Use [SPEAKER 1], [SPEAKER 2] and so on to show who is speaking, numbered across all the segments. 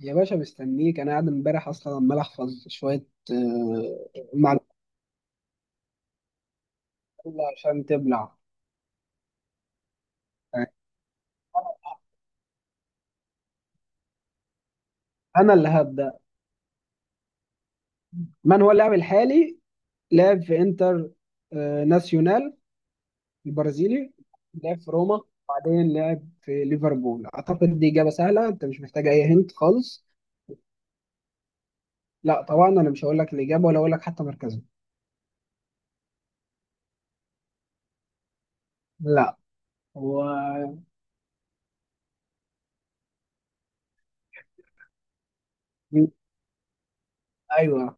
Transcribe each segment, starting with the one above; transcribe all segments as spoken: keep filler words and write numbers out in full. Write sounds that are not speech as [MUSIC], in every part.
[SPEAKER 1] يا باشا، مستنيك. انا قاعد امبارح اصلا عمال احفظ شويه آه، معلومات عشان تبلع. انا اللي هبدا. من هو اللاعب الحالي؟ لعب في انتر آه، ناسيونال البرازيلي. لعب في روما، بعدين لعب في ليفربول. اعتقد دي اجابه سهله، انت مش محتاج اي هنت خالص. لا طبعا، انا مش هقول لك الاجابه ولا اقول لك حتى مركزه. لا. هو. ايوه.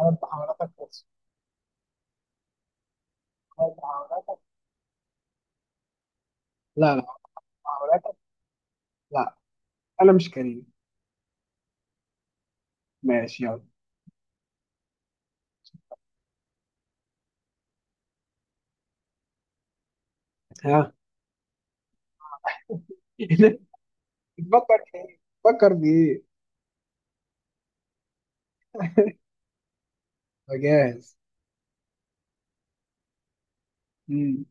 [SPEAKER 1] أنا بحاولاتك بس. أنا بحاولاتك. لا لا، بحاولاتك. لا، انا مش كريم. ماشي، يلا. ها. [LAUGHS] بتفكر في ايه؟ بتفكر في ايه؟ فجاهز. مم.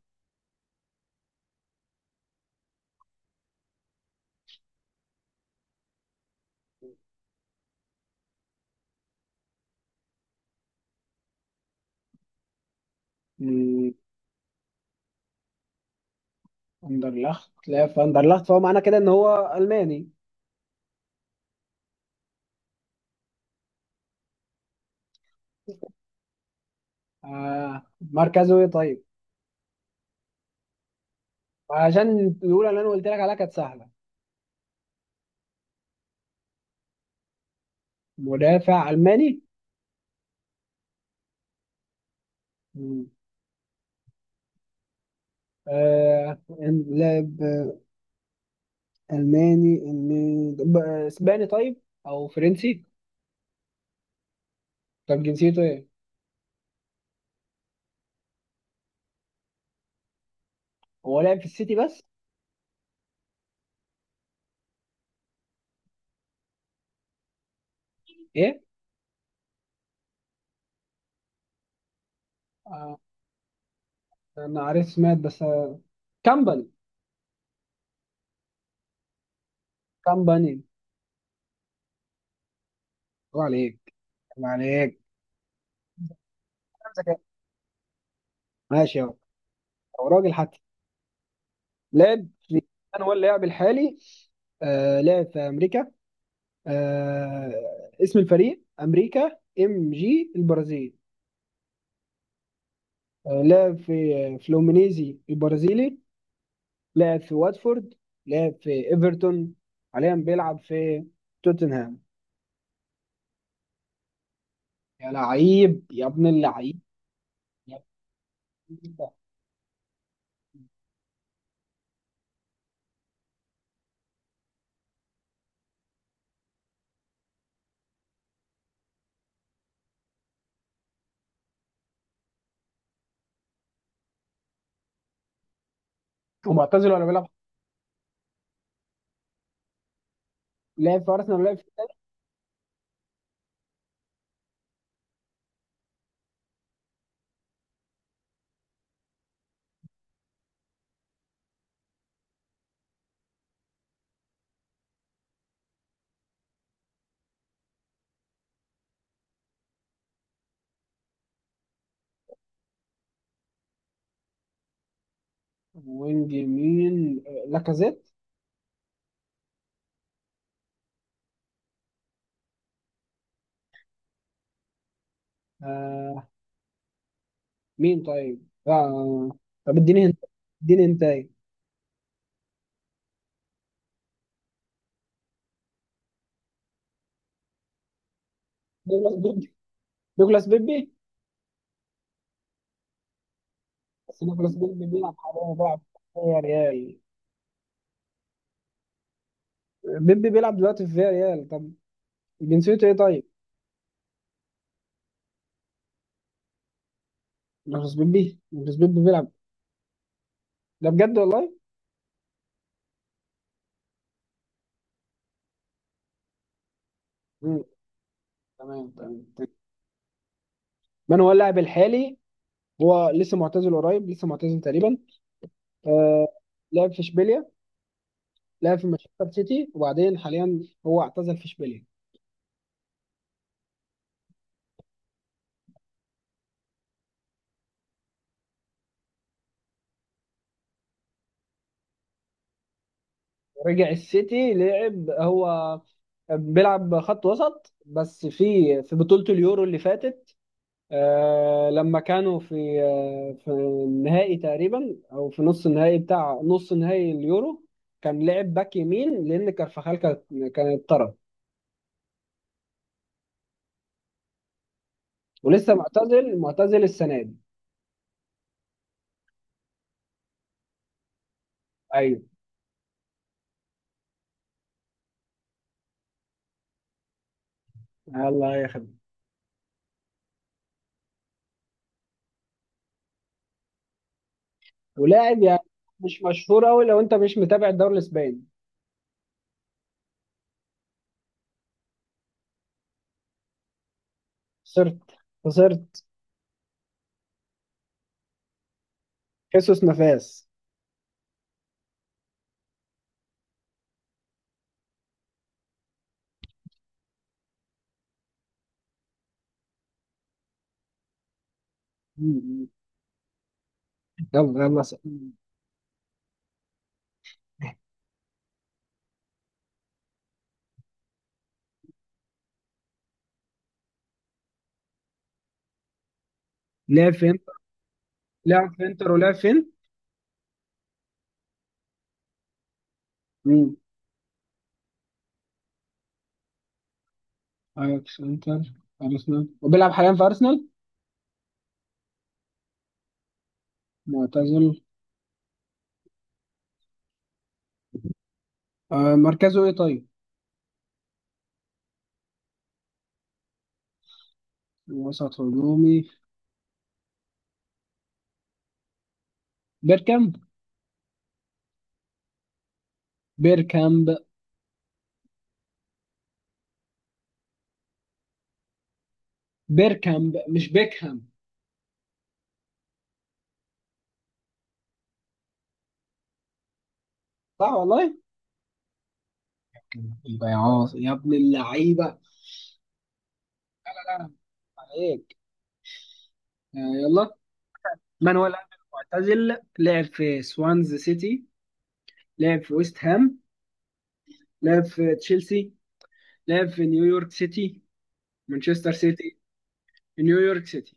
[SPEAKER 1] مم. فاندرلخت، لا، فاندرلخت، فهو معنى كده ان هو الماني. آه. مركزه ايه طيب؟ عشان الاولى اللي انا قلت لك عليها كانت سهله. مدافع الماني. مم. آه. إن- لاعب الماني، إن- ب- اسباني طيب او فرنسي؟ طب جنسيته ايه؟ هو لعب في السيتي بس. ايه؟ آه. انا عارف، سمعت بس آه، كامباني. كامباني. طب عليك. طب عليك. ذكاء. ماشي اهو. او راجل حتى لعب. انا هو اللاعب الحالي. آه لعب في امريكا. آه اسم الفريق امريكا ام جي البرازيل. آه لعب في فلومينيزي البرازيلي. لعب في واتفورد. لعب في ايفرتون. حاليا بيلعب في توتنهام. يا لعيب يا ابن اللعيب. يا ابن اللعيب. هو معتزل ولا بيلعب؟ لعب في ارسنال ولا لعب في وينج يمين آه، لاكازيت. آه. مين طيب؟ آه. طب اديني انت. اديني انت ايه؟ نيكولاس بيبي. نيكولاس بيبي. بس نيكولاس بيبي بيلعب حاليا، بيلعب في ريال. بيبي بيلعب دلوقتي في ريال. طب جنسيته ايه طيب؟ نيكولاس بيبي. نيكولاس بيبي بيلعب. ده بجد والله؟ مم. تمام. تمام. تمام. من هو اللاعب الحالي؟ هو لسه معتزل قريب، لسه معتزل تقريبا. آه. لعب في اشبيليا. لعب في مانشستر سيتي، وبعدين حاليا هو اعتزل في اشبيليا. رجع السيتي. لعب هو، بيلعب خط وسط. بس في في بطولة اليورو اللي فاتت آه لما كانوا في آه في النهائي تقريبا، او في نص النهائي، بتاع نص نهائي اليورو. كان لعب باك يمين لان كارفاخال كانت كانت طرد. ولسه معتزل معتزل السنة دي. ايوه. الله يخليك. ولاعب يعني مش مشهور قوي لو انت مش متابع الدوري الاسباني. خسرت. خسرت. خيسوس نافاس. مم. يلا يلا. لعب فين؟ لعب في انتر ولعب فين؟ مم. اياكس، انتر، ارسنال. وبيلعب حاليا في ارسنال. معتزل. آه، مركزه ايه طيب؟ وسط هجومي. بيركامب. بيركامب. بيركامب مش بيكهام. صح والله. يبقى يا عاص يا ابن اللعيبه. سلام عليك. آه، يلا. مانويل أنيلو معتزل. لعب في سوانز سيتي. لعب في ويست هام. لعب في تشيلسي. لعب في نيويورك سيتي. مانشستر سيتي، نيويورك سيتي.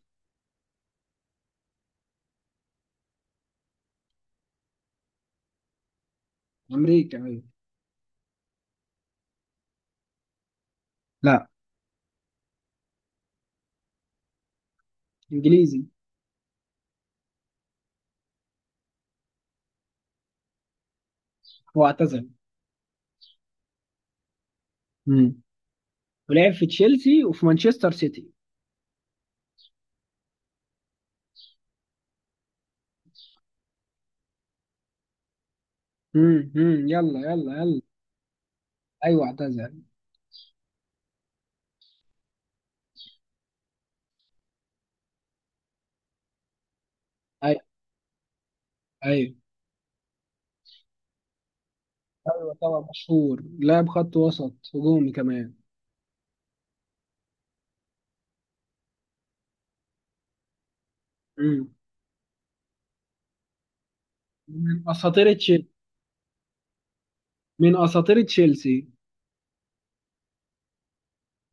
[SPEAKER 1] امريكا أيوة. لا. انجليزي. هو اعتزل. مم. ولعب في تشيلسي وفي مانشستر سيتي. امم امم يلا يلا يلا. ايوه اعتزل. ايوه ايوه ايوه طبعا مشهور. لاعب خط وسط هجومي كمان. امم من اساطير تشيلسي. من اساطير تشيلسي.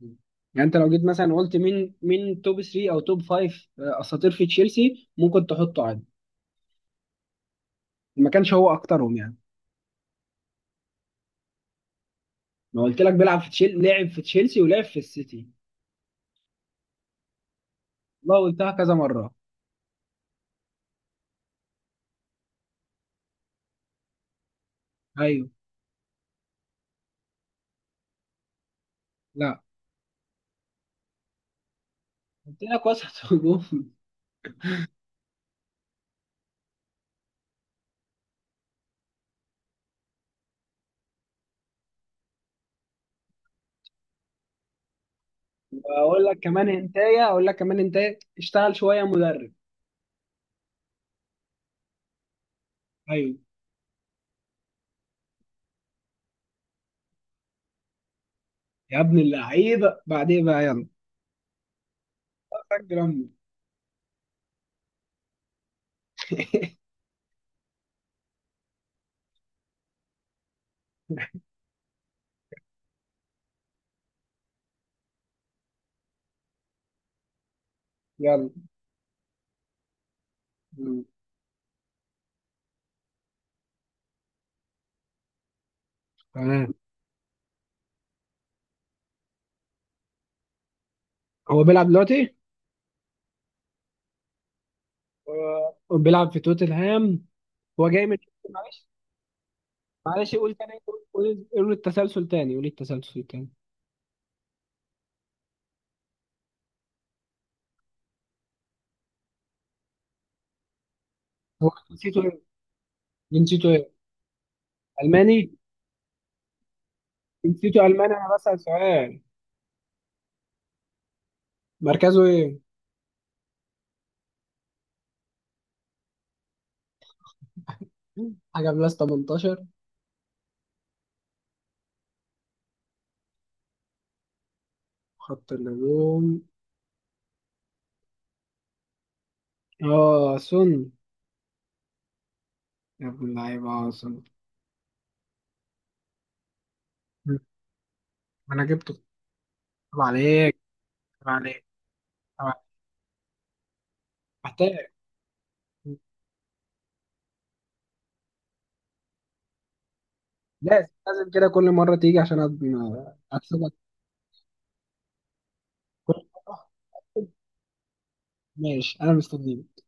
[SPEAKER 1] مم. يعني انت لو جيت مثلا قلت مين مين توب ثلاثة او توب خمس اساطير في تشيلسي، ممكن تحطه عادي. ما كانش هو اكترهم يعني. ما قلت لك بيلعب في تشيل لعب في تشيلسي ولعب في السيتي. والله قلتها كذا مره. ايوه. لا، قلت لك وسط هجوم. واقول لك كمان هنتايه اقول لك كمان هنتايه اشتغل شويه مدرب. ايوه. يا ابن اللعيبه، بعد ايه بقى؟ يلا سجل امك. [LAUGHS] يلا. مم. تمام. هو بيلعب دلوقتي. هو بيلعب في توتنهام. هو جاي من، معلش. معلش، قول تاني. قول قول قول التسلسل تاني. قول التسلسل تاني. هو جنسيته ايه؟ جنسيته ايه؟ الماني؟ جنسيته الماني. انا بسأل سؤال. مركزه ايه؟ حاجه بلس تمنتاشر. خط الهجوم. اه سون. يا ابن اللعيبه، اه سون. ما انا جبته. طب عليك. طب عليك. طب عليك. محتاج. لازم لازم كده كل مره تيجي عشان أ- اكسبك. ماشي انا مستنيك.